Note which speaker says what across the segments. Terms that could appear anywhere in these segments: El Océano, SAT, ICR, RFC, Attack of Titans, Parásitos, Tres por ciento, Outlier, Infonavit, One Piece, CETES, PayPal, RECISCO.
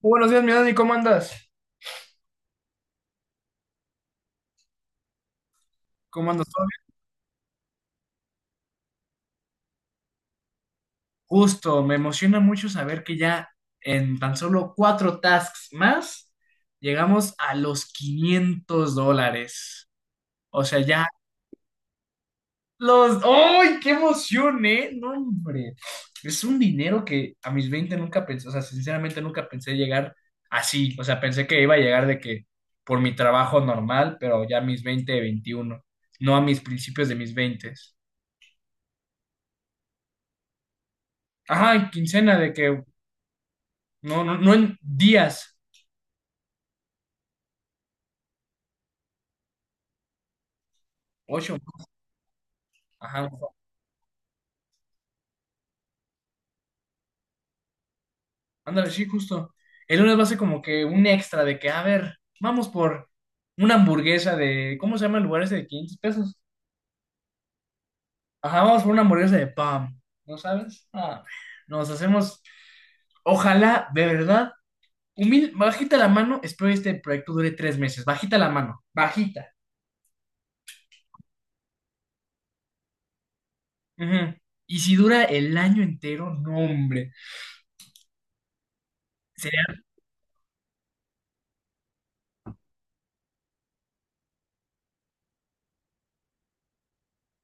Speaker 1: Buenos días, mi Dani, ¿cómo andas? ¿Cómo andas? ¿Todo bien? Justo, me emociona mucho saber que ya en tan solo cuatro tasks más llegamos a los $500. O sea, ya los... ¡Ay, qué emoción, eh! No, hombre. Es un dinero que a mis 20 nunca pensé, o sea, sinceramente nunca pensé llegar así. O sea, pensé que iba a llegar de que por mi trabajo normal, pero ya a mis 20, 21. No a mis principios de mis 20. Ajá, en quincena de que no, no, no en días. Ocho. Ajá. Ándale, sí, justo. El lunes va a ser como que un extra de que, a ver, vamos por una hamburguesa de, ¿cómo se llama el lugar ese de $500? Ajá, vamos por una hamburguesa de pan. ¿No sabes? Ah, nos hacemos, ojalá, de verdad, humilde, bajita la mano, espero que este proyecto dure 3 meses. Bajita la mano, bajita. Ujú. Y si dura el año entero, no, hombre.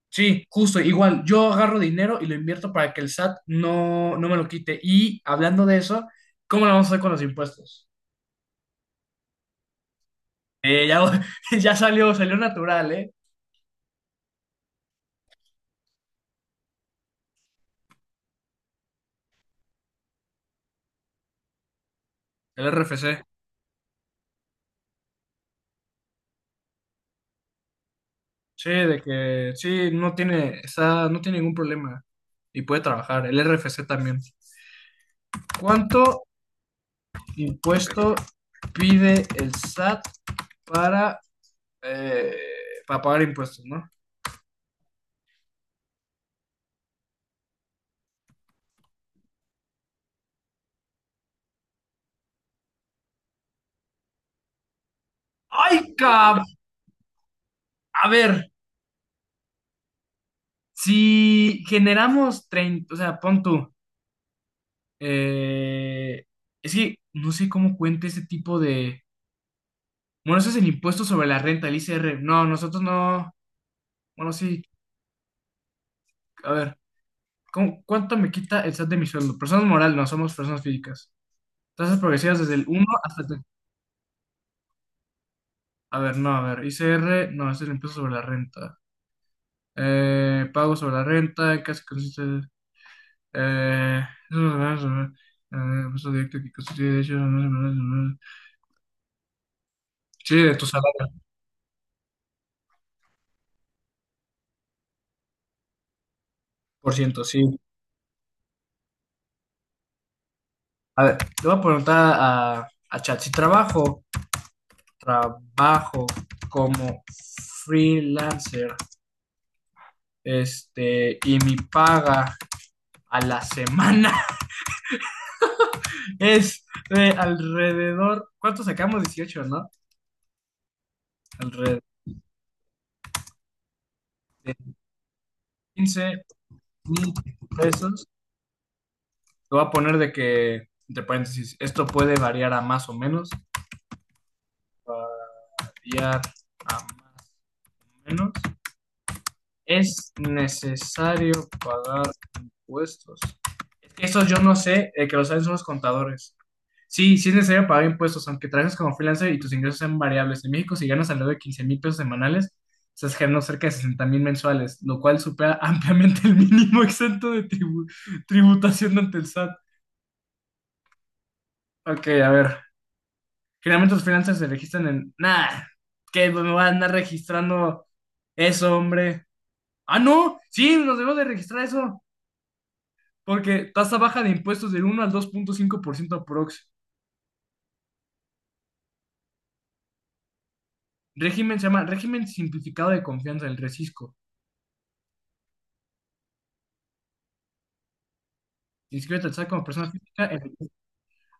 Speaker 1: Sí, justo, igual, yo agarro dinero y lo invierto para que el SAT no me lo quite. Y hablando de eso, ¿cómo lo vamos a hacer con los impuestos? Ya, ya salió natural, ¿eh? El RFC. Sí, de que sí, no tiene, está, no tiene ningún problema y puede trabajar. El RFC también. ¿Cuánto impuesto pide el SAT para, eh, para pagar impuestos, no? ¡Ay, cab! A ver, si generamos treinta, o sea, pon tú, eh, es que no sé cómo cuenta ese tipo de... Bueno, eso es el impuesto sobre la renta, el ICR. No, nosotros no... Bueno, sí, a ver, ¿cuánto me quita el SAT de mi sueldo? Personas morales, no, somos personas físicas. Tasas progresivas desde el uno hasta... A ver, no, a ver, ICR, no, es el impuesto sobre la renta. Pago sobre la renta, casi consiste... Eh, eh, impuesto directo que constituye derechos... no, no, no, no, no, no. Sí, de tu salario, por ciento, sí. A ver, le voy a preguntar a, Chat, si trabajo como freelancer, este, y mi paga a la semana es de alrededor, ¿cuánto sacamos? Dieciocho, ¿no? Alrededor de 15 mil pesos. Te voy a poner de que, entre paréntesis, esto puede variar a más o menos, variar a más o menos. ¿Es necesario pagar impuestos? Es que eso yo no sé, que lo saben son los contadores. Sí, sí es necesario pagar impuestos, aunque trabajes como freelancer y tus ingresos sean variables. En México, si ganas alrededor de $15,000 semanales, estás generando cerca de 60,000 mensuales, lo cual supera ampliamente el mínimo exento de tributación ante el SAT. Ok, a ver. Generalmente los freelancers se registran en... Nah, que pues me van a andar registrando eso, hombre. Ah, no, sí, nos debemos de registrar eso. Porque tasa baja de impuestos del uno al dos punto cinco por ciento aprox. Régimen se llama Régimen Simplificado de Confianza, el RECISCO. Inscríbete al SAT como persona física.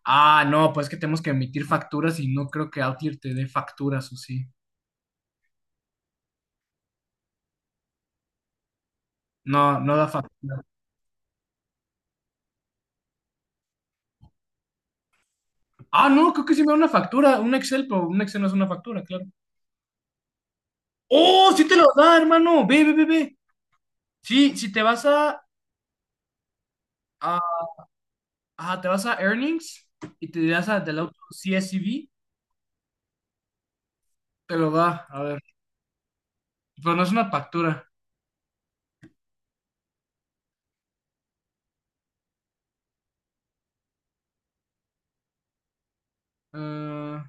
Speaker 1: Ah, no, pues que tenemos que emitir facturas y no creo que Outlier te dé facturas o sí. No, no da factura. Ah, no, creo que sí me da una factura, un Excel, pero un Excel no es una factura, claro. ¡Oh, sí te lo da, hermano! Ve, ve, ve, ve. Sí, si te vas a, ajá, te vas a Earnings y te das a del auto CSV, te lo da. A ver, pero no es una factura. Ah,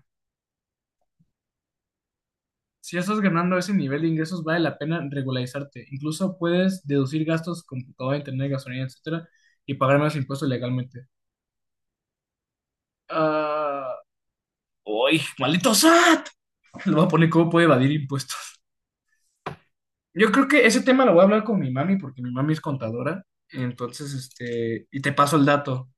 Speaker 1: si estás ganando ese nivel de ingresos, vale la pena regularizarte. Incluso puedes deducir gastos, computadora, internet, gasolina, etcétera, y pagar menos impuestos legalmente. Ah, ¡uy! ¡Maldito SAT! Le voy a poner cómo puede evadir impuestos. Yo creo que ese tema lo voy a hablar con mi mami, porque mi mami es contadora. Entonces, este, y te paso el dato.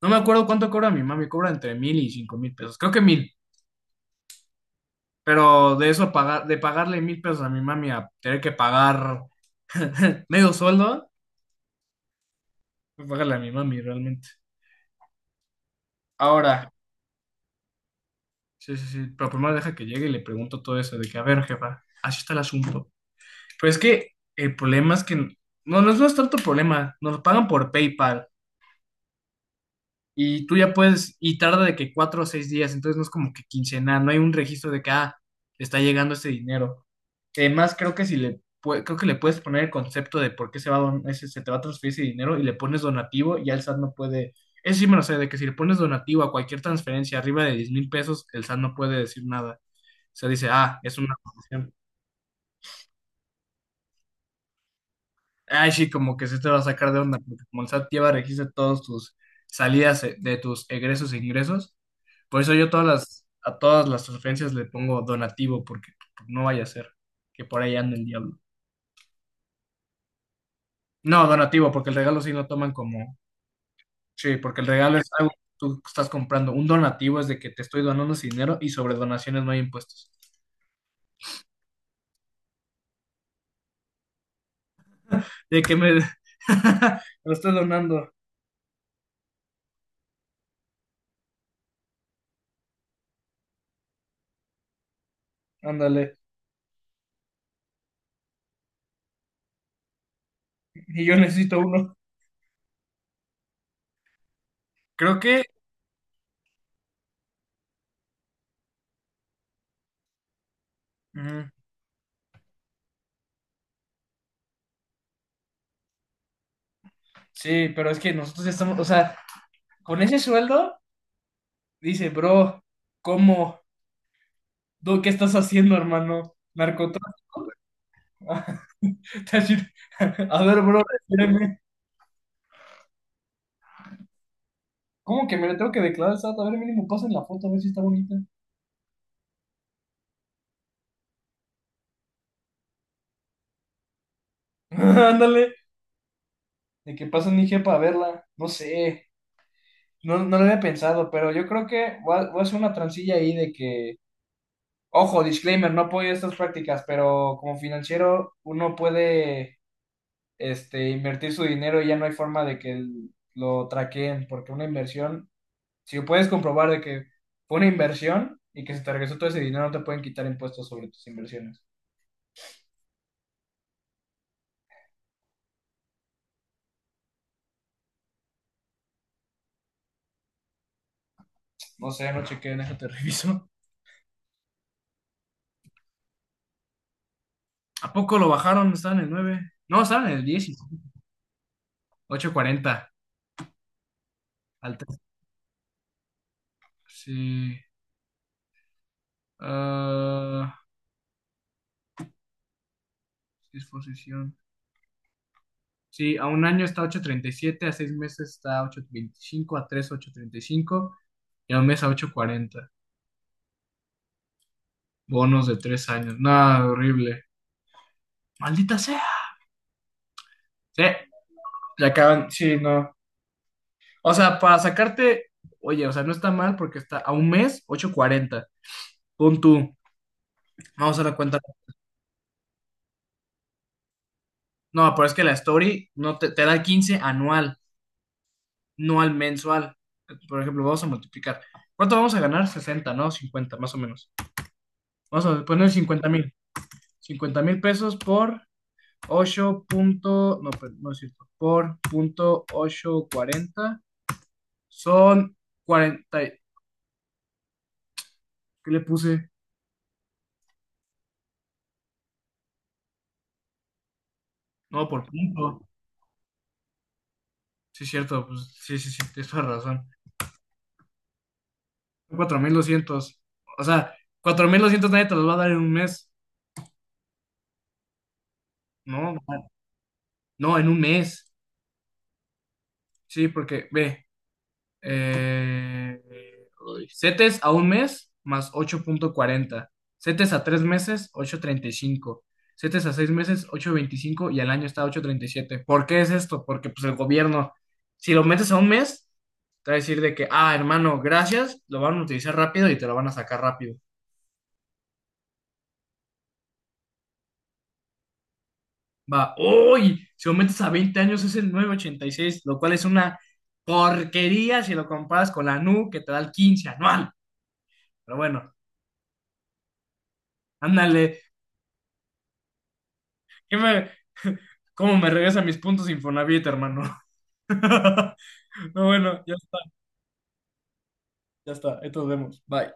Speaker 1: No me acuerdo cuánto cobra mi mami, cobra entre mil y cinco mil pesos. Creo que mil. Pero de eso pagar, de pagarle mil pesos a mi mami a tener que pagar medio sueldo. Pues págale a mi mami, realmente. Ahora, sí, sí, sí, pero primero deja que llegue y le pregunto todo eso, de que, a ver, jefa, así está el asunto. Pero es que el problema es que, no, no, no es tanto problema, nos pagan por PayPal, y tú ya puedes, y tarda de que cuatro o seis días, entonces no es como que quincenal, no hay un registro de que, ah, le está llegando este dinero. Además, creo que si le, creo que le puedes poner el concepto de por qué se va a don- ese- se te va a transferir ese dinero y le pones donativo, ya el SAT no puede, eso sí me lo sé, de que si le pones donativo a cualquier transferencia arriba de $10,000, el SAT no puede decir nada. O sea, dice, ah, es una donación. Ay, sí, como que se te va a sacar de onda, porque como el SAT lleva registro de todos tus salidas, de tus egresos e ingresos. Por eso yo todas a todas las sugerencias le pongo donativo, porque no vaya a ser que por ahí ande el diablo. No, donativo, porque el regalo sí lo toman como, sí, porque el regalo es algo que tú estás comprando. Un donativo es de que te estoy donando ese dinero y sobre donaciones no hay impuestos. De que me, me lo estoy donando, ándale, y yo necesito uno. Creo que, mm, sí, pero es que nosotros ya estamos, o sea, con ese sueldo, dice, bro, ¿cómo? ¿Tú qué estás haciendo, hermano? ¿Narcotráfico? A ver, bro, espérenme. ¿Cómo que me lo tengo que declarar al SAT? A ver, mínimo, pasen la foto, a ver si está bonita. Ándale. De que pasen IG para verla. No sé. No, no lo había pensado, pero yo creo que voy a hacer una transilla ahí de que. Ojo, disclaimer, no apoyo estas prácticas, pero como financiero uno puede, este, invertir su dinero y ya no hay forma de que lo traqueen, porque una inversión, si puedes comprobar de que fue una inversión y que se te regresó todo ese dinero, no te pueden quitar impuestos sobre tus inversiones. No sé, no chequé, déjate reviso. ¿A poco lo bajaron? Estaban en el 9. No, estaban en el diez ocho cuarenta. Al tres. Sí. Ah, sí, sí, a un año está ocho treinta y siete, a seis meses está ocho veinticinco, a tres ocho treinta y cinco, y a un mes a ocho cuarenta. Bonos de tres años. Nada horrible. Maldita sea. Sí, ya acaban. Sí, no. O sea, para sacarte. Oye, o sea, no está mal porque está a un mes ocho cuarenta. Pon tú. Vamos a la cuenta. No, pero es que la story no te da 15 anual, no al mensual. Por ejemplo, vamos a multiplicar. ¿Cuánto vamos a ganar? Sesenta, ¿no? Cincuenta, más o menos. Vamos a poner cincuenta mil. Cincuenta mil pesos por 8 punto, no, pues, no es cierto, por punto ocho cuarenta. Son cuarenta y- ¿qué le puse? No, por punto. Sí, es cierto, pues sí, sí, sí, tienes toda la razón. Son 4200. O sea, 4200 nadie te los va a dar en un mes. No, no, en un mes. Sí, porque ve, eh, uy, CETES a un mes más ocho punto cuarenta, CETES a tres meses ocho punto treinta y cinco, CETES a seis meses ocho punto veinticinco, y al año está ocho punto treinta y siete. ¿Por qué es esto? Porque pues el gobierno, si lo metes a un mes, te va a decir de que, ah, hermano, gracias, lo van a utilizar rápido y te lo van a sacar rápido. Va, uy, si lo metes a 20 años es el nueve punto ochenta y seis, lo cual es una porquería si lo comparas con la NU que te da el 15 anual. Pero bueno, ándale, ¿qué me, cómo me regresa mis puntos Infonavit, hermano? No, bueno, ya está, ya está. Entonces vemos. Bye.